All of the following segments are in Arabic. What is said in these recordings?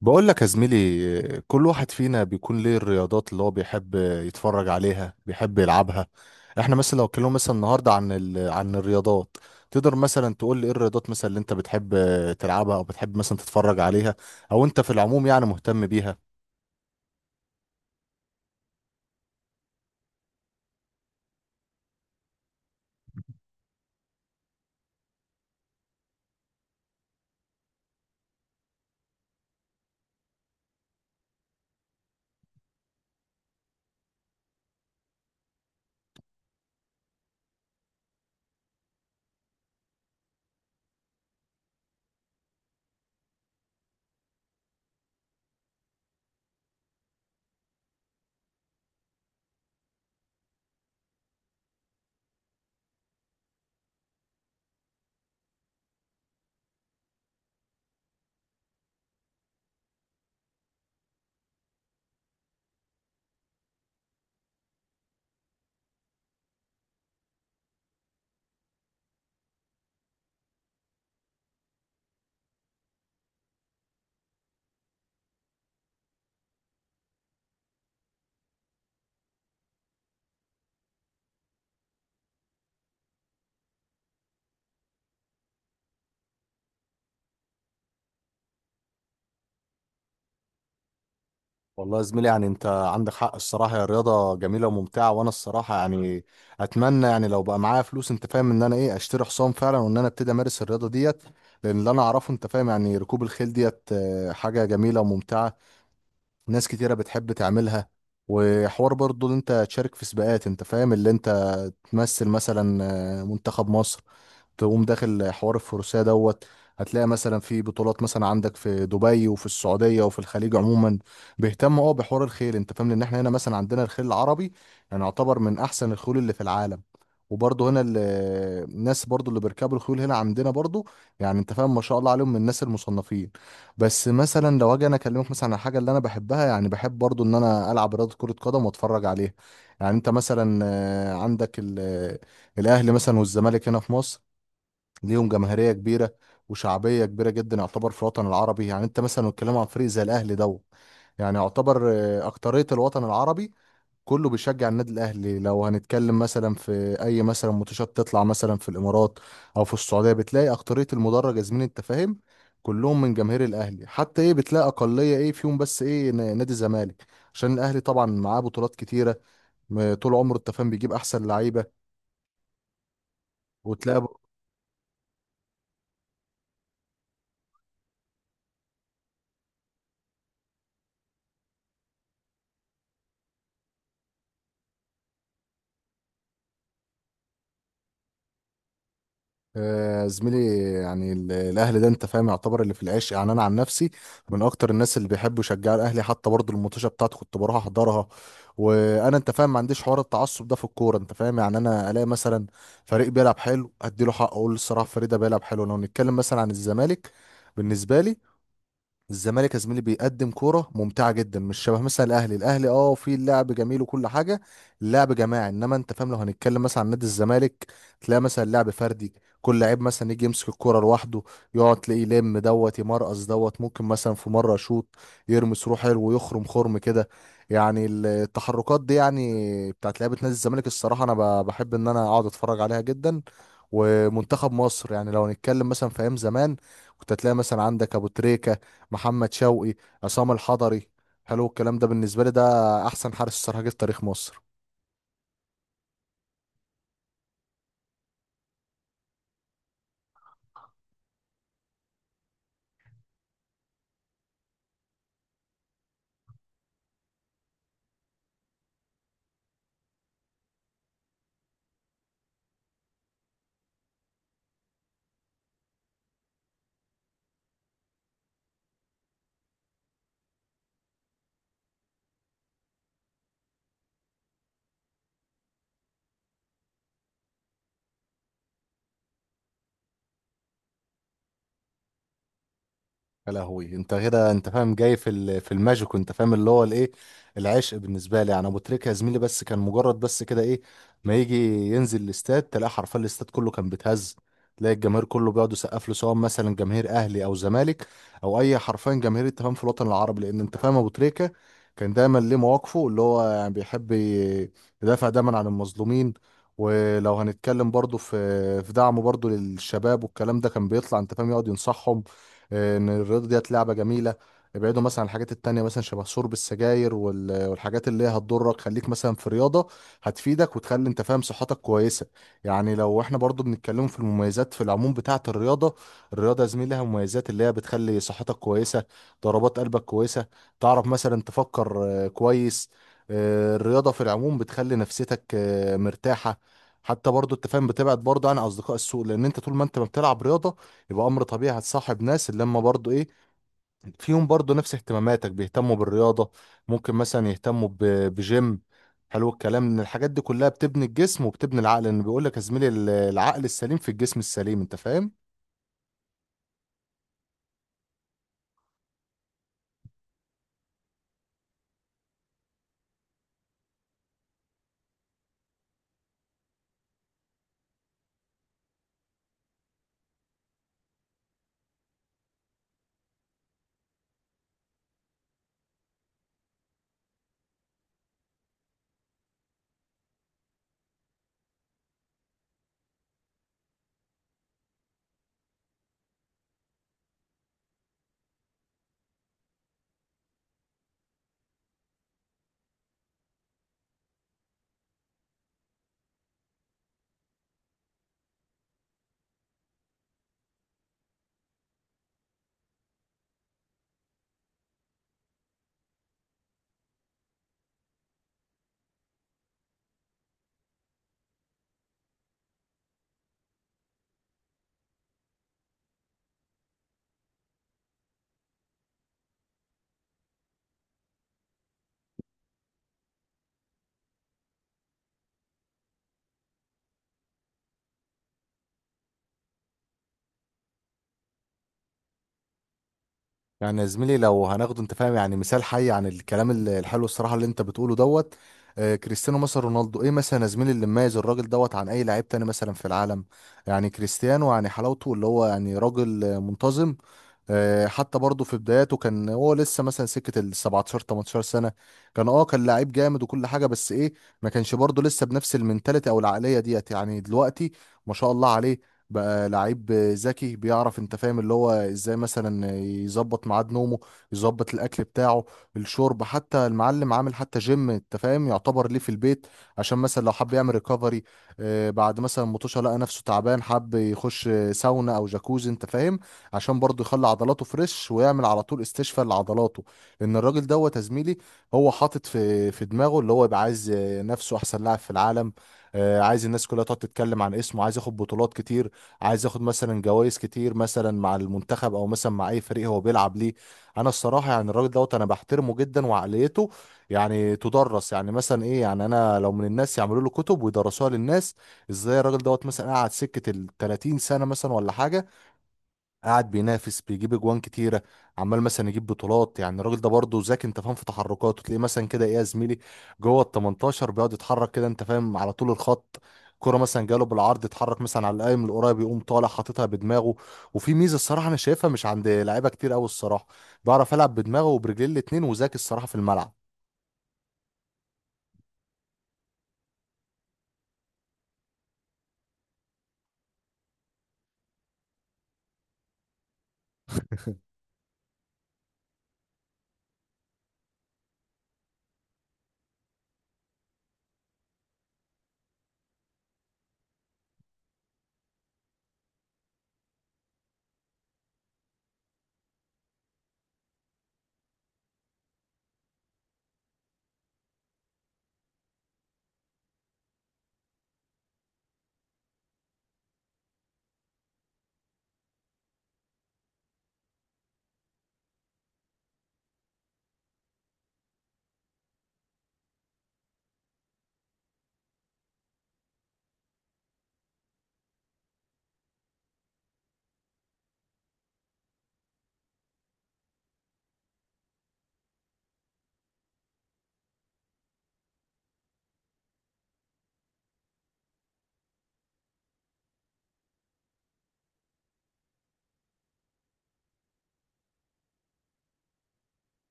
بقول لك يا زميلي، كل واحد فينا بيكون ليه الرياضات اللي هو بيحب يتفرج عليها بيحب يلعبها. احنا مثلا لو اتكلمنا مثلا النهارده عن الرياضات، تقدر مثلا تقول لي ايه الرياضات مثلا اللي انت بتحب تلعبها او بتحب مثلا تتفرج عليها، او انت في العموم يعني مهتم بيها؟ والله يا زميلي يعني انت عندك حق الصراحه، يا رياضه جميله وممتعه، وانا الصراحه يعني اتمنى يعني لو بقى معايا فلوس، انت فاهم ان انا ايه، اشتري حصان فعلا وان انا ابتدي امارس الرياضه ديت. لان اللي انا اعرفه انت فاهم، يعني ركوب الخيل ديت اه، حاجه جميله وممتعه. ناس كتيره بتحب تعملها، وحوار برضو اللي انت تشارك في سباقات، انت فاهم اللي انت تمثل مثلا اه، منتخب مصر، تقوم داخل حوار الفروسية دوت. هتلاقي مثلا في بطولات مثلا عندك في دبي وفي السعودية وفي الخليج عموما بيهتموا اه بحوار الخيل. انت فاهم ان احنا هنا مثلا عندنا الخيل العربي، يعني يعتبر من احسن الخيول اللي في العالم. وبرضه هنا الناس برضه اللي بيركبوا الخيول هنا عندنا برضه، يعني انت فاهم ما شاء الله عليهم، من الناس المصنفين. بس مثلا لو اجي انا اكلمك مثلا عن الحاجه اللي انا بحبها، يعني بحب برضه ان انا العب رياضه كره قدم واتفرج عليها. يعني انت مثلا آه، عندك الاهلي مثلا والزمالك هنا في مصر، ليهم جماهيريه كبيره وشعبيه كبيره جدا. يعتبر في الوطن العربي، يعني انت مثلا بتتكلم عن فريق زي الاهلي دوت، يعني يعتبر آه، اكتريه الوطن العربي كله بيشجع النادي الاهلي. لو هنتكلم مثلا في اي مثلا ماتشات تطلع مثلا في الامارات او في السعوديه، بتلاقي اكتريه المدرج يا زميلي، انت فاهم كلهم من جماهير الاهلي. حتى ايه، بتلاقي اقليه ايه فيهم بس ايه نادي الزمالك. عشان الاهلي طبعا معاه بطولات كتيره، طول عمره التفاهم بيجيب احسن لعيبه وتلاقي. آه، زميلي يعني الاهلي ده انت فاهم يعتبر اللي في العيش. يعني انا عن نفسي من اكتر الناس اللي بيحبوا يشجعوا الاهلي، حتى برضه الماتشات بتاعته كنت بروح احضرها. وانا انت فاهم ما عنديش حوار التعصب ده في الكوره، انت فاهم، يعني انا الاقي مثلا فريق بيلعب حلو ادي له حق، اقول الصراحه الفريق ده بيلعب حلو. لو نتكلم مثلا عن الزمالك، بالنسبه لي، الزمالك يا زميلي بيقدم كوره ممتعه جدا، مش شبه مثلا الاهلي. الاهلي اه في اللعب جميل وكل حاجه، اللعب جماعي. انما انت فاهم لو هنتكلم مثلا عن نادي الزمالك، تلاقي مثلا لعب فردي. كل لعيب مثلا يجي يمسك الكوره لوحده، يقعد تلاقيه يلم دوت يمرقص دوت، ممكن مثلا في مره يشوط، يرمس روح حلو، ويخرم خرم كده. يعني التحركات دي يعني بتاعت لعيبه نادي الزمالك، الصراحه انا بحب ان انا اقعد اتفرج عليها جدا. ومنتخب مصر، يعني لو هنتكلم مثلا في ايام زمان، كنت هتلاقي مثلا عندك ابو تريكة، محمد شوقي، عصام الحضري. حلو الكلام ده، بالنسبه لي ده احسن حارس صراحه جه في تاريخ مصر. يا لهوي، انت كده انت فاهم جاي في في الماجيك، وانت فاهم اللي هو الايه، العشق بالنسبه لي. يعني ابو تريكه يا زميلي، بس كان مجرد بس كده ايه، ما يجي ينزل الاستاد تلاقي حرفيا الاستاد كله كان بيتهز. تلاقي الجماهير كله بيقعد يسقف له، سواء مثلا جماهير اهلي او زمالك او اي حرفيا جماهير، انت فاهم في الوطن العربي. لان انت فاهم ابو تريكه كان دايما ليه مواقفه، اللي هو يعني بيحب يدافع دايما عن المظلومين. ولو هنتكلم برضه في في دعمه برضه للشباب والكلام ده، كان بيطلع انت فاهم يقعد ينصحهم آه، ان الرياضه ديت لعبه جميله. ابعدوا مثلا عن الحاجات التانية، مثلا شبه شرب السجاير والحاجات اللي هي هتضرك، خليك مثلا في رياضة هتفيدك وتخلي انت فاهم صحتك كويسة. يعني لو احنا برضو بنتكلم في المميزات في العموم بتاعة الرياضة، الرياضة يا زميلي لها مميزات اللي هي بتخلي صحتك كويسة، ضربات قلبك كويسة، تعرف مثلا تفكر آه، كويس. آه، الرياضة في العموم بتخلي نفسيتك آه، مرتاحة. حتى برضو انت فاهم بتبعد برضو عن اصدقاء السوء، لان انت طول ما انت ما بتلعب رياضة، يبقى امر طبيعي هتصاحب ناس اللي هم برضو ايه، فيهم برضو نفس اهتماماتك، بيهتموا بالرياضه، ممكن مثلا يهتموا بجيم. حلو الكلام، ان الحاجات دي كلها بتبني الجسم وبتبني العقل، لان بيقول لك يا زميلي العقل السليم في الجسم السليم، انت فاهم. يعني يا زميلي، لو هناخده انت فاهم يعني مثال حي عن الكلام الحلو الصراحه اللي انت بتقوله دوت، آه، كريستيانو مثلا رونالدو. ايه مثلا يا زميلي اللي مميز الراجل دوت عن اي لعيب تاني مثلا في العالم؟ يعني كريستيانو يعني حلاوته اللي هو يعني راجل آه، منتظم. آه، حتى برضه في بداياته كان هو لسه مثلا سكه ال 17 18 سنه، كان اه كان لعيب جامد وكل حاجه، بس ايه ما كانش برضه لسه بنفس المنتاليتي او العقليه ديت يعني دلوقتي. ما شاء الله عليه، بقى لعيب ذكي بيعرف انت فاهم اللي هو ازاي مثلا يظبط ميعاد نومه، يظبط الاكل بتاعه، الشرب، حتى المعلم عامل حتى جيم انت فاهم يعتبر ليه في البيت، عشان مثلا لو حب يعمل ريكفري بعد مثلا مطوشه لقى نفسه تعبان، حب يخش ساونا او جاكوزي انت فاهم، عشان برضه يخلي عضلاته فريش ويعمل على طول استشفاء لعضلاته. لان الراجل دوت يا زميلي، هو حاطط في في دماغه اللي هو يبقى عايز نفسه احسن لاعب في العالم. آه، عايز الناس كلها تقعد تتكلم عن اسمه، عايز ياخد بطولات كتير، عايز ياخد مثلا جوائز كتير، مثلا مع المنتخب او مثلا مع اي فريق هو بيلعب ليه. انا الصراحه يعني الراجل دوت انا بحترمه جدا، وعقليته يعني تدرس، يعني مثلا ايه، يعني انا لو من الناس يعملوا له كتب ويدرسوها للناس، ازاي الراجل دوت مثلا قعد سكه ال 30 سنه مثلا ولا حاجه قاعد بينافس، بيجيب اجوان كتيره، عمال مثلا يجيب بطولات. يعني الراجل ده برضه ذكي انت فاهم في تحركاته، تلاقيه مثلا كده ايه يا زميلي، جوه ال 18 بيقعد يتحرك كده انت فاهم على طول الخط. كرة مثلا جاله بالعرض، اتحرك مثلا على القايم القريب، يقوم طالع حاططها بدماغه. وفي ميزه الصراحه انا شايفها مش عند لعيبه كتير قوي الصراحه، بيعرف يلعب بدماغه وبرجليه الاتنين، وذكي الصراحه في الملعب.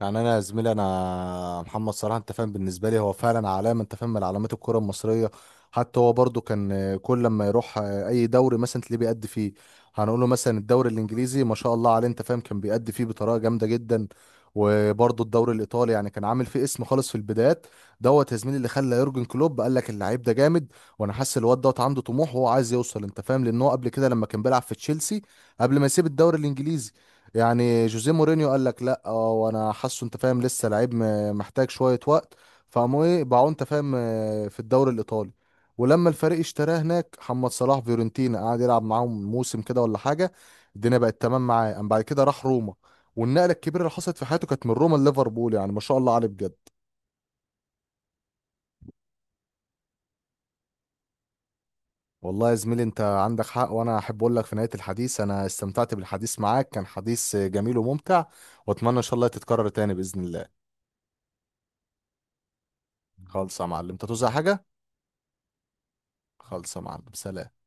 يعني انا يا زميلي، انا محمد صلاح انت فاهم بالنسبه لي هو فعلا علامه انت فاهم من علامات الكره المصريه. حتى هو برضو كان كل لما يروح اي دوري مثلا تلاقيه بيأدي فيه، هنقول له مثلا الدوري الانجليزي ما شاء الله عليه انت فاهم كان بيأدي فيه بطريقه جامده جدا. وبرضو الدوري الايطالي، يعني كان عامل فيه اسم خالص في البدايات دوت يا زميلي، اللي خلى يورجن كلوب قال لك اللعيب ده جامد، وانا حاسس الواد دوت عنده طموح وهو عايز يوصل انت فاهم. لان هو قبل كده لما كان بيلعب في تشيلسي قبل ما يسيب الدوري الانجليزي، يعني جوزيه مورينيو قال لك لا اه وانا حاسه انت فاهم لسه لعيب محتاج شويه وقت، فقاموا ايه باعوه انت فاهم آه، في الدوري الايطالي. ولما الفريق اشتراه هناك محمد صلاح فيورنتينا، قعد يلعب معاهم موسم كده ولا حاجه، الدنيا بقت تمام معاه، قام بعد كده راح روما. والنقله الكبيره اللي حصلت في حياته كانت من روما لليفربول، يعني ما شاء الله عليه بجد. والله يا زميلي انت عندك حق، وانا احب اقول لك في نهايه الحديث انا استمتعت بالحديث معاك، كان حديث جميل وممتع، واتمنى ان شاء الله تتكرر تاني باذن الله. خالص يا معلم، انت توزع حاجه. خلصة معلم، سلام.